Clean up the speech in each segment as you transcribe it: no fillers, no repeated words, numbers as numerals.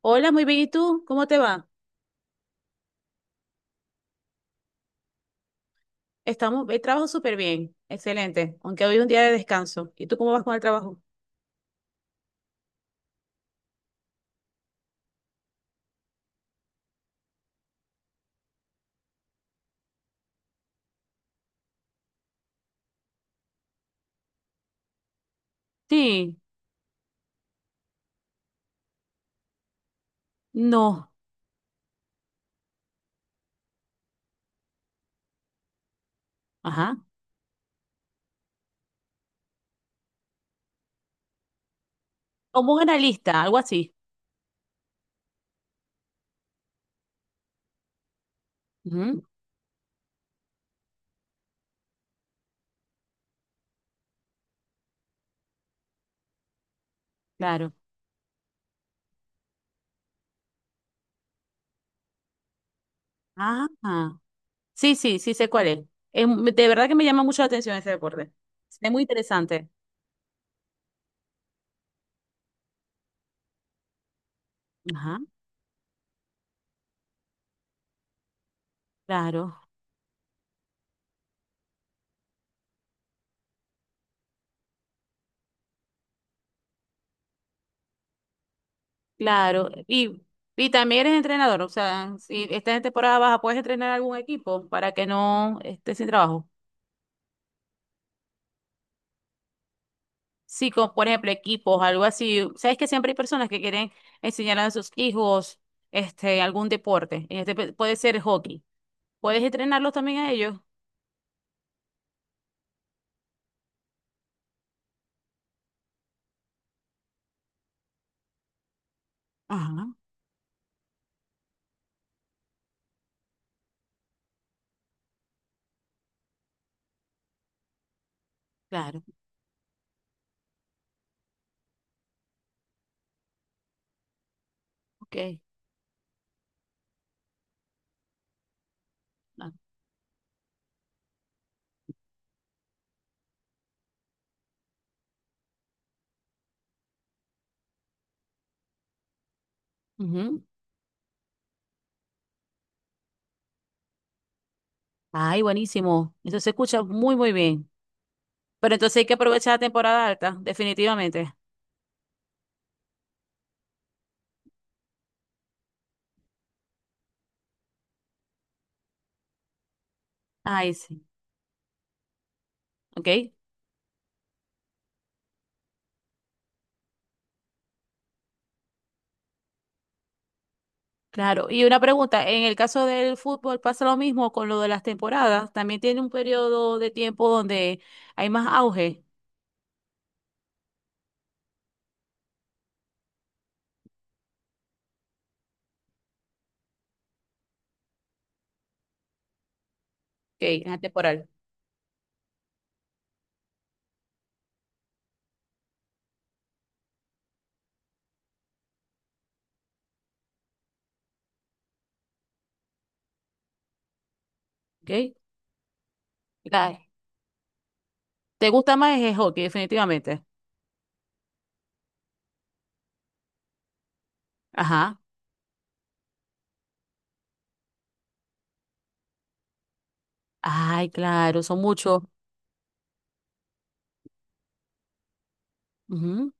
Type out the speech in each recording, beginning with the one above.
Hola, muy bien. ¿Y tú? ¿Cómo te va? Estamos, el trabajo súper bien. Excelente. Aunque hoy es un día de descanso. ¿Y tú cómo vas con el trabajo? Sí, no, ajá, como un analista, algo así. Ujú, claro. Ah, ah, sí, sí, sí sé cuál es. De verdad que me llama mucho la atención ese deporte. Es muy interesante. Ajá, claro, claro. Y también eres entrenador, o sea, si estás en temporada baja, ¿puedes entrenar algún equipo para que no estés sin trabajo? Sí, como por ejemplo equipos, algo así. Sabes que siempre hay personas que quieren enseñar a sus hijos este algún deporte. En puede ser hockey. ¿Puedes entrenarlos también a ellos? Ajá. Claro, ok, claro. Ujú. Ay, buenísimo. Eso se escucha muy, muy bien. Pero entonces hay que aprovechar la temporada alta, definitivamente. Ay, sí. Ok, claro. Y una pregunta, en el caso del fútbol pasa lo mismo con lo de las temporadas. También tiene un periodo de tiempo donde hay más auge. Ok, en la temporal. Ok. Claro. ¿Te gusta más el hockey, definitivamente? Ajá. Ay, claro, son muchos. Ujú,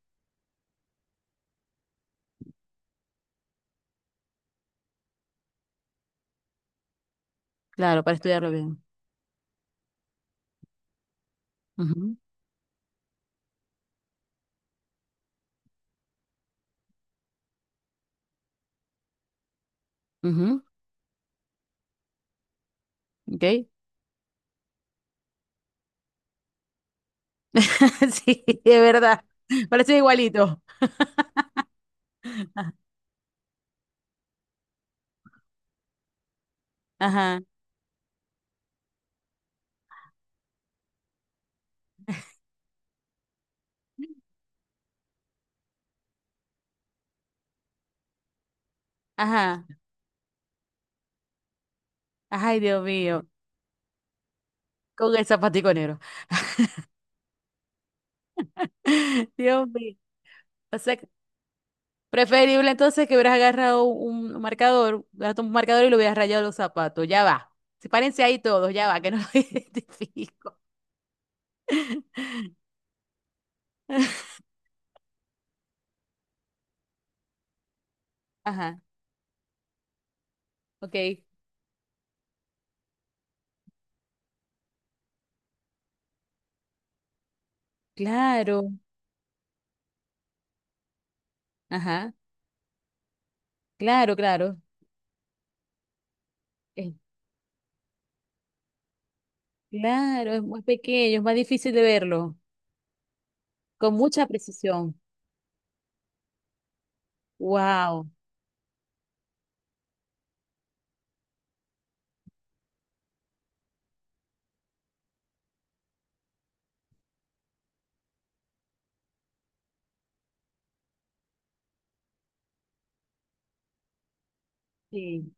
claro, para estudiarlo bien. Ujú, ujú, ok. Sí, es verdad. Parece igualito. Ajá, ajá. Ay, Dios mío. Con el zapatico negro. Dios mío. O sea, que- Preferible entonces que hubieras agarrado un marcador, agarraste un marcador y lo hubieras rayado los zapatos. Ya va. Sepárense ahí todos, ya va, que no lo identifico. Ajá, ok. Claro. Ajá, claro, claro. Es, claro, es muy pequeño, es más difícil de verlo, con mucha precisión. Wow. Sí.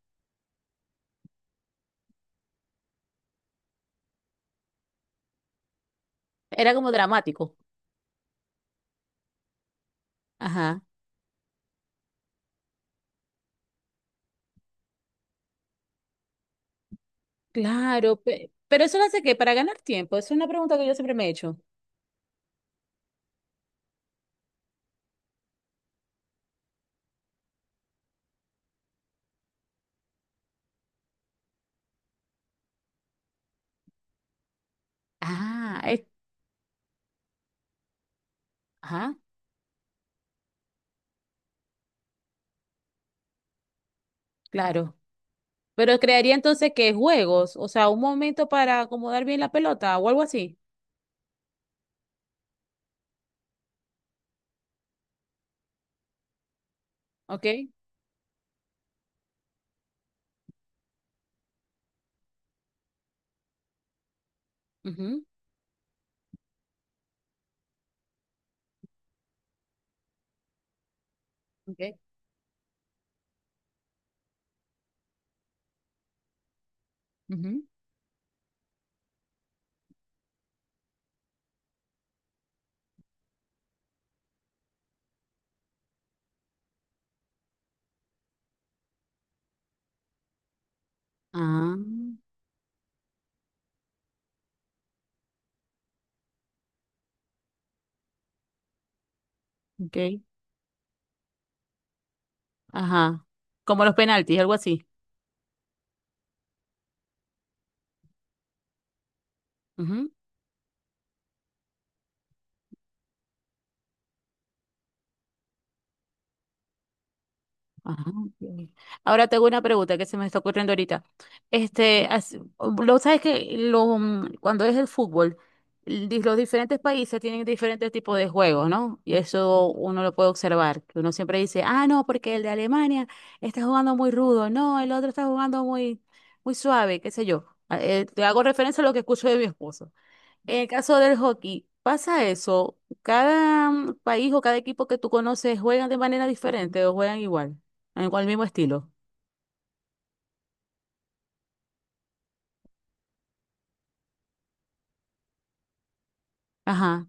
Era como dramático. Ajá, claro. Pero eso lo hace que para ganar tiempo, es una pregunta que yo siempre me he hecho. Ah, es- ajá, claro. Pero crearía entonces que juegos, o sea, un momento para acomodar bien la pelota o algo así. Ok. Ujú. Ok, ujú. Ah, ok. Ajá. Como los penaltis, algo así. Ajá, ok. Ahora tengo una pregunta que se me está ocurriendo ahorita. Este, as- lo sabes que cuando es el fútbol, los diferentes países tienen diferentes tipos de juegos, ¿no? Y eso uno lo puede observar, que uno siempre dice, ah, no, porque el de Alemania está jugando muy rudo, no, el otro está jugando muy, muy suave, qué sé yo. Ah, te hago referencia a lo que escucho de mi esposo. En el caso del hockey, ¿pasa eso? ¿Cada país o cada equipo que tú conoces juegan de manera diferente o juegan igual? Con el mismo estilo. Ajá.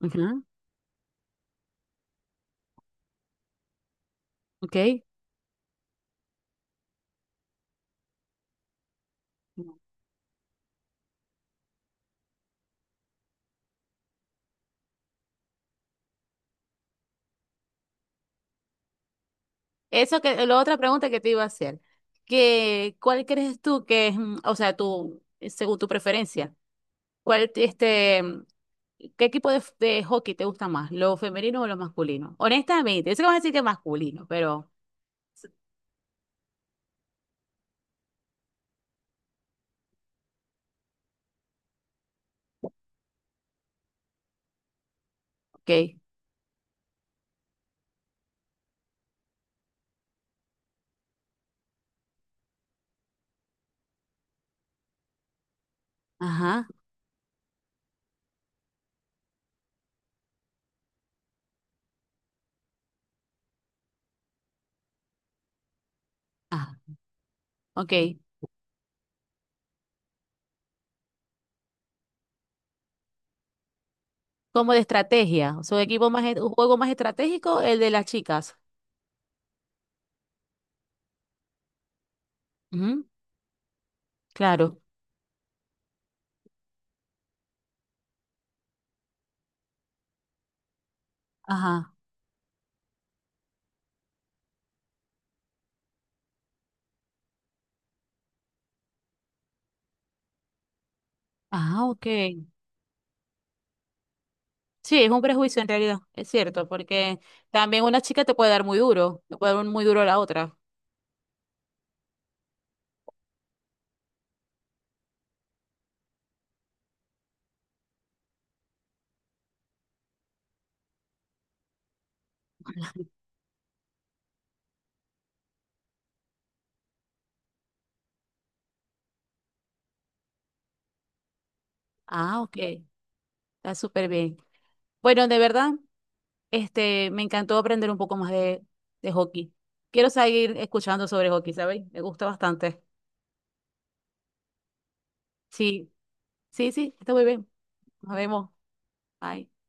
Ujú, ok. Eso que, la otra pregunta que te iba a hacer, que, ¿cuál crees tú que es, o sea, tú, según tu preferencia, cuál, qué equipo de, de hockey te gusta más, lo femenino o lo masculino? Honestamente, eso que vas a decir que es masculino, pero, ok. Ajá. Ah, ok. Como de estrategia, o sea, un equipo más, un juego más estratégico, el de las chicas. Ujú, claro. Ajá. Ah, ok. Sí, es un prejuicio en realidad, es cierto, porque también una chica te puede dar muy duro, te puede dar un muy duro a la otra. Ah, ok. Está súper bien. Bueno, de verdad, me encantó aprender un poco más de hockey. Quiero seguir escuchando sobre hockey, ¿sabéis? Me gusta bastante. Sí, sí, sí, está muy bien. Nos vemos. Bye.